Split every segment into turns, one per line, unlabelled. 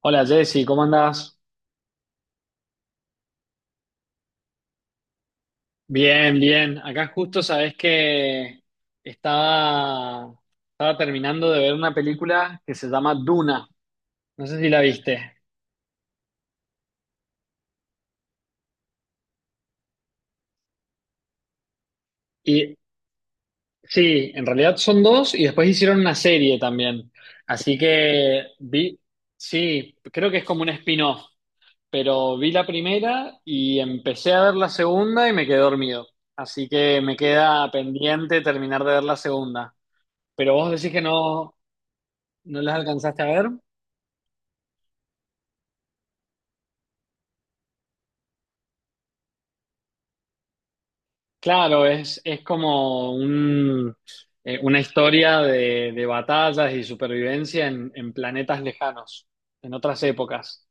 Hola, Jessy, ¿cómo andás? Bien, bien. Acá justo sabés que estaba, estaba terminando de ver una película que se llama Duna. No sé si la viste. Y sí, en realidad son dos y después hicieron una serie también. Así que vi, sí, creo que es como un spin-off, pero vi la primera y empecé a ver la segunda y me quedé dormido. Así que me queda pendiente terminar de ver la segunda. Pero vos decís que no. ¿No las alcanzaste a ver? Claro, es como una historia de batallas y supervivencia en planetas lejanos, en otras épocas.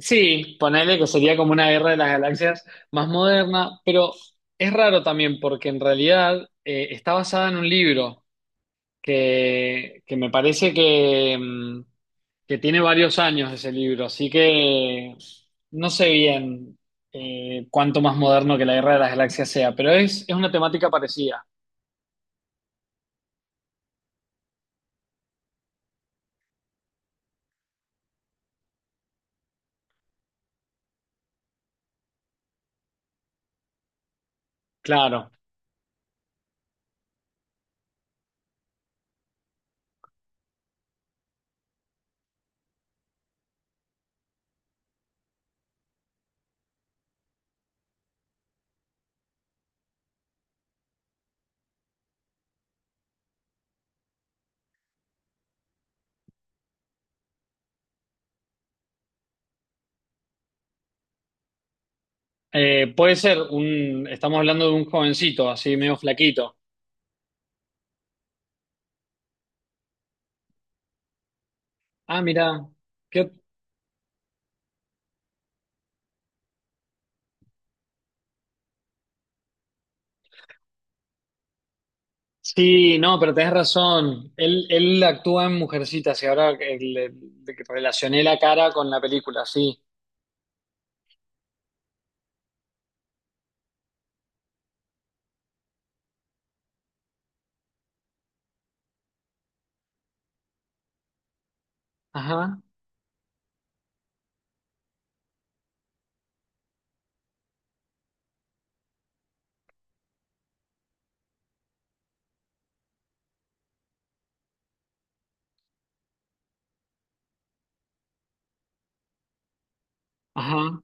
Sí, ponele que sería como una guerra de las galaxias más moderna, pero es raro también porque en realidad está basada en un libro que me parece que tiene varios años ese libro, así que no sé bien cuánto más moderno que la Guerra de las Galaxias sea, pero es una temática parecida, claro. Puede ser estamos hablando de un jovencito, así medio flaquito. Ah, mira. qué- sí, no, pero tenés razón. Él actúa en Mujercitas y ahora que de que relacioné la cara con la película, sí. Ajá, ajá.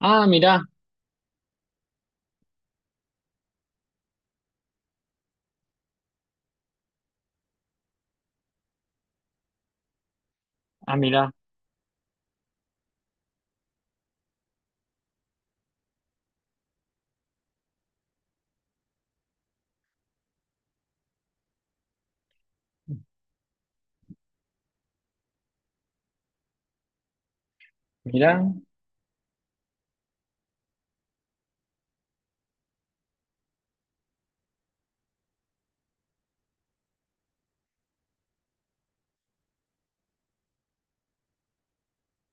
Ah, mira, ah, mira, mira.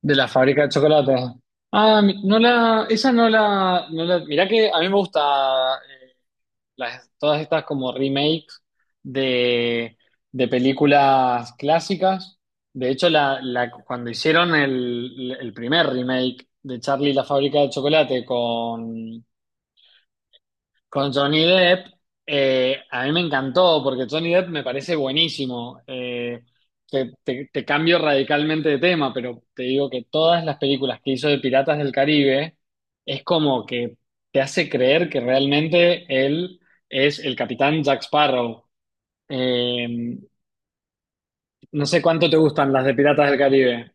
De la fábrica de chocolate. No la, esa no la, mirá que a mí me gusta, eh, todas estas como remake de, de películas clásicas. De hecho, cuando hicieron el primer remake de Charlie y la fábrica de chocolate con Johnny Depp. A mí me encantó porque Johnny Depp me parece buenísimo. Te cambio radicalmente de tema, pero te digo que todas las películas que hizo de Piratas del Caribe es como que te hace creer que realmente él es el capitán Jack Sparrow. Eh, no sé cuánto te gustan las de Piratas del Caribe.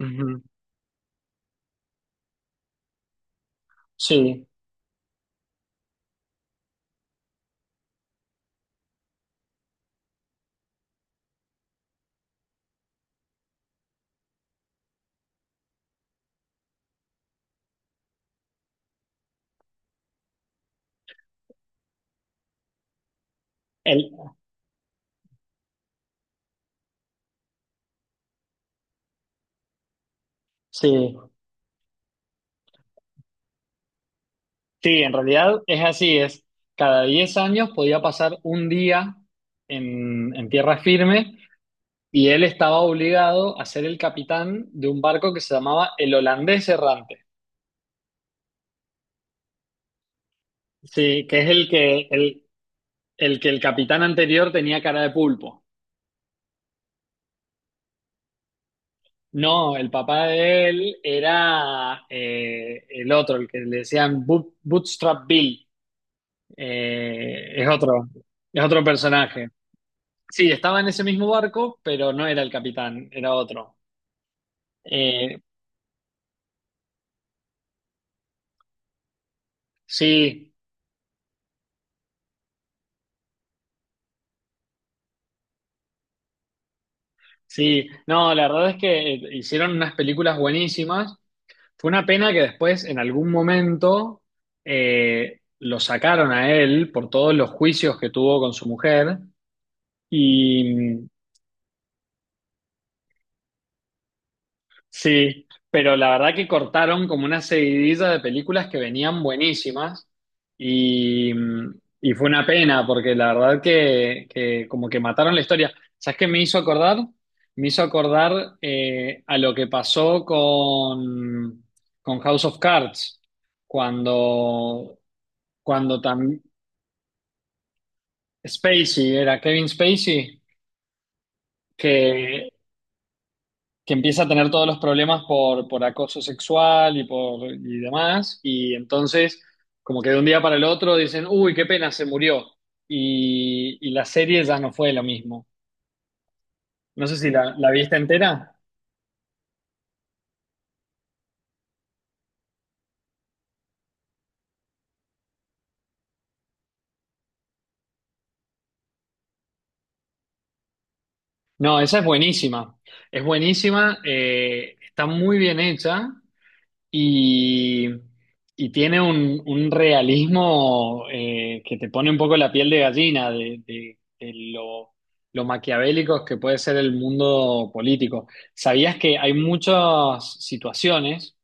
Ujú. Sí, el sí. Sí, en realidad es así, es cada 10 años podía pasar un día en tierra firme y él estaba obligado a ser el capitán de un barco que se llamaba el Holandés Errante, sí, que es el que el capitán anterior tenía cara de pulpo. No, el papá de él era el otro, el que le decían Bootstrap Bill, eh, es otro, es otro personaje. Sí, estaba en ese mismo barco, pero no era el capitán, era otro. Eh, sí, sí. No, la verdad es que hicieron unas películas buenísimas. Fue una pena que después, en algún momento, lo sacaron a él por todos los juicios que tuvo con su mujer. Y, mm, Sí, pero la verdad que cortaron como una seguidilla de películas que venían buenísimas y, y fue una pena porque la verdad que como que mataron la historia. ¿Sabes qué me hizo acordar? Me hizo acordar a lo que pasó con House of Cards, cuando, cuando tam- Spacey, era Kevin Spacey, que que empieza a tener todos los problemas por acoso sexual y demás, y entonces como que de un día para el otro dicen, uy, qué pena, se murió, y la serie ya no fue lo mismo. No sé si la, la viste entera. No, esa es buenísima, está muy bien hecha. Y, y tiene un realismo que te pone un poco la piel de gallina de lo maquiavélico que puede ser el mundo político. ¿Sabías que hay muchas situaciones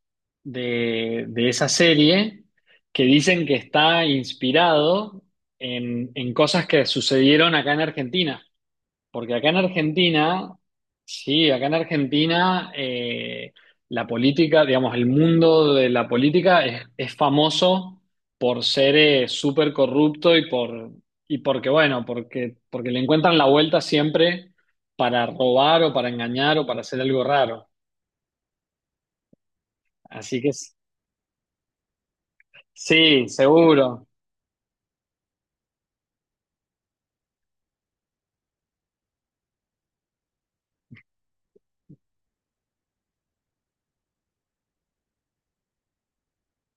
de esa serie que dicen que está inspirado en cosas que sucedieron acá en Argentina? Porque acá en Argentina, sí, acá en Argentina la política, digamos, el mundo de la política es famoso por ser súper corrupto y por y porque, bueno, porque le encuentran la vuelta siempre para robar o para engañar o para hacer algo raro. Así que sí, seguro.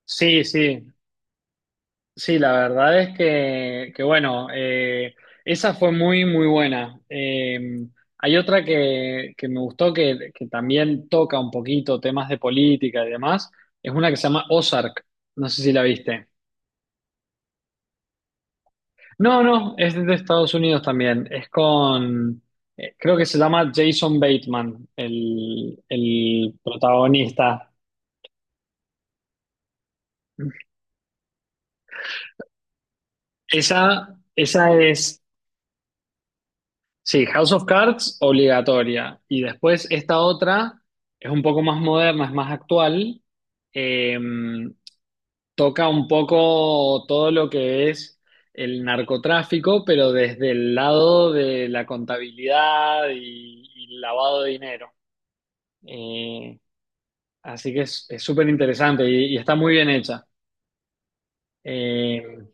Sí, sí. Sí, la verdad es que bueno, esa fue muy, muy buena. Hay otra que me gustó que también toca un poquito temas de política y demás. Es una que se llama Ozark. No sé si la viste. No, no, es de Estados Unidos también. Es con, creo que se llama Jason Bateman, el protagonista. Esa es Sí, House of Cards obligatoria. Y después esta otra es un poco más moderna, es más actual. Eh, Toca un poco todo lo que es el narcotráfico, pero desde el lado de la contabilidad y lavado de dinero. Eh, Así que es súper interesante y está muy bien hecha. Eh,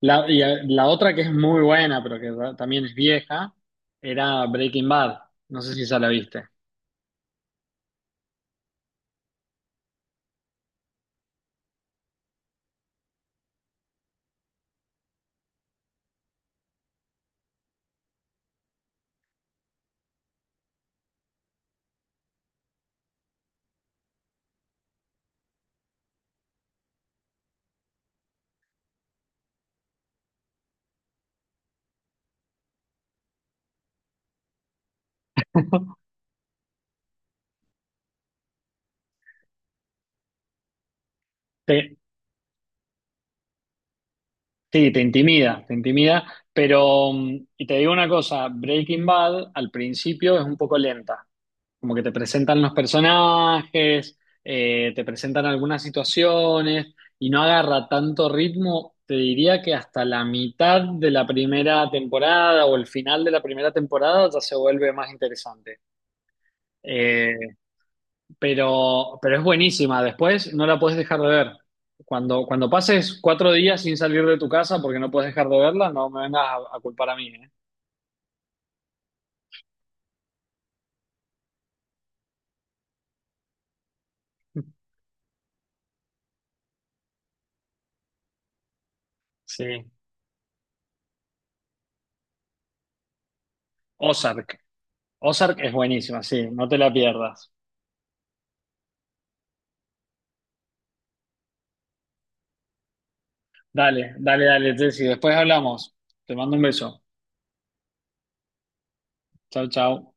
la otra que es muy buena, pero que también es vieja, era Breaking Bad. No sé si ya la viste. Sí, te intimida, pero, y te digo una cosa, Breaking Bad al principio es un poco lenta, como que te presentan los personajes, te presentan algunas situaciones y no agarra tanto ritmo, te diría que hasta la mitad de la primera temporada o el final de la primera temporada ya se vuelve más interesante. Eh, pero, es buenísima. Después no la puedes dejar de ver. Cuando, cuando pases 4 días sin salir de tu casa porque no puedes dejar de verla, no me vengas a culpar a mí, ¿eh? Sí. Ozark. Ozark es buenísima, sí, no te la pierdas. Dale, dale, dale, Jessy. Después hablamos. Te mando un beso. Chao, chao.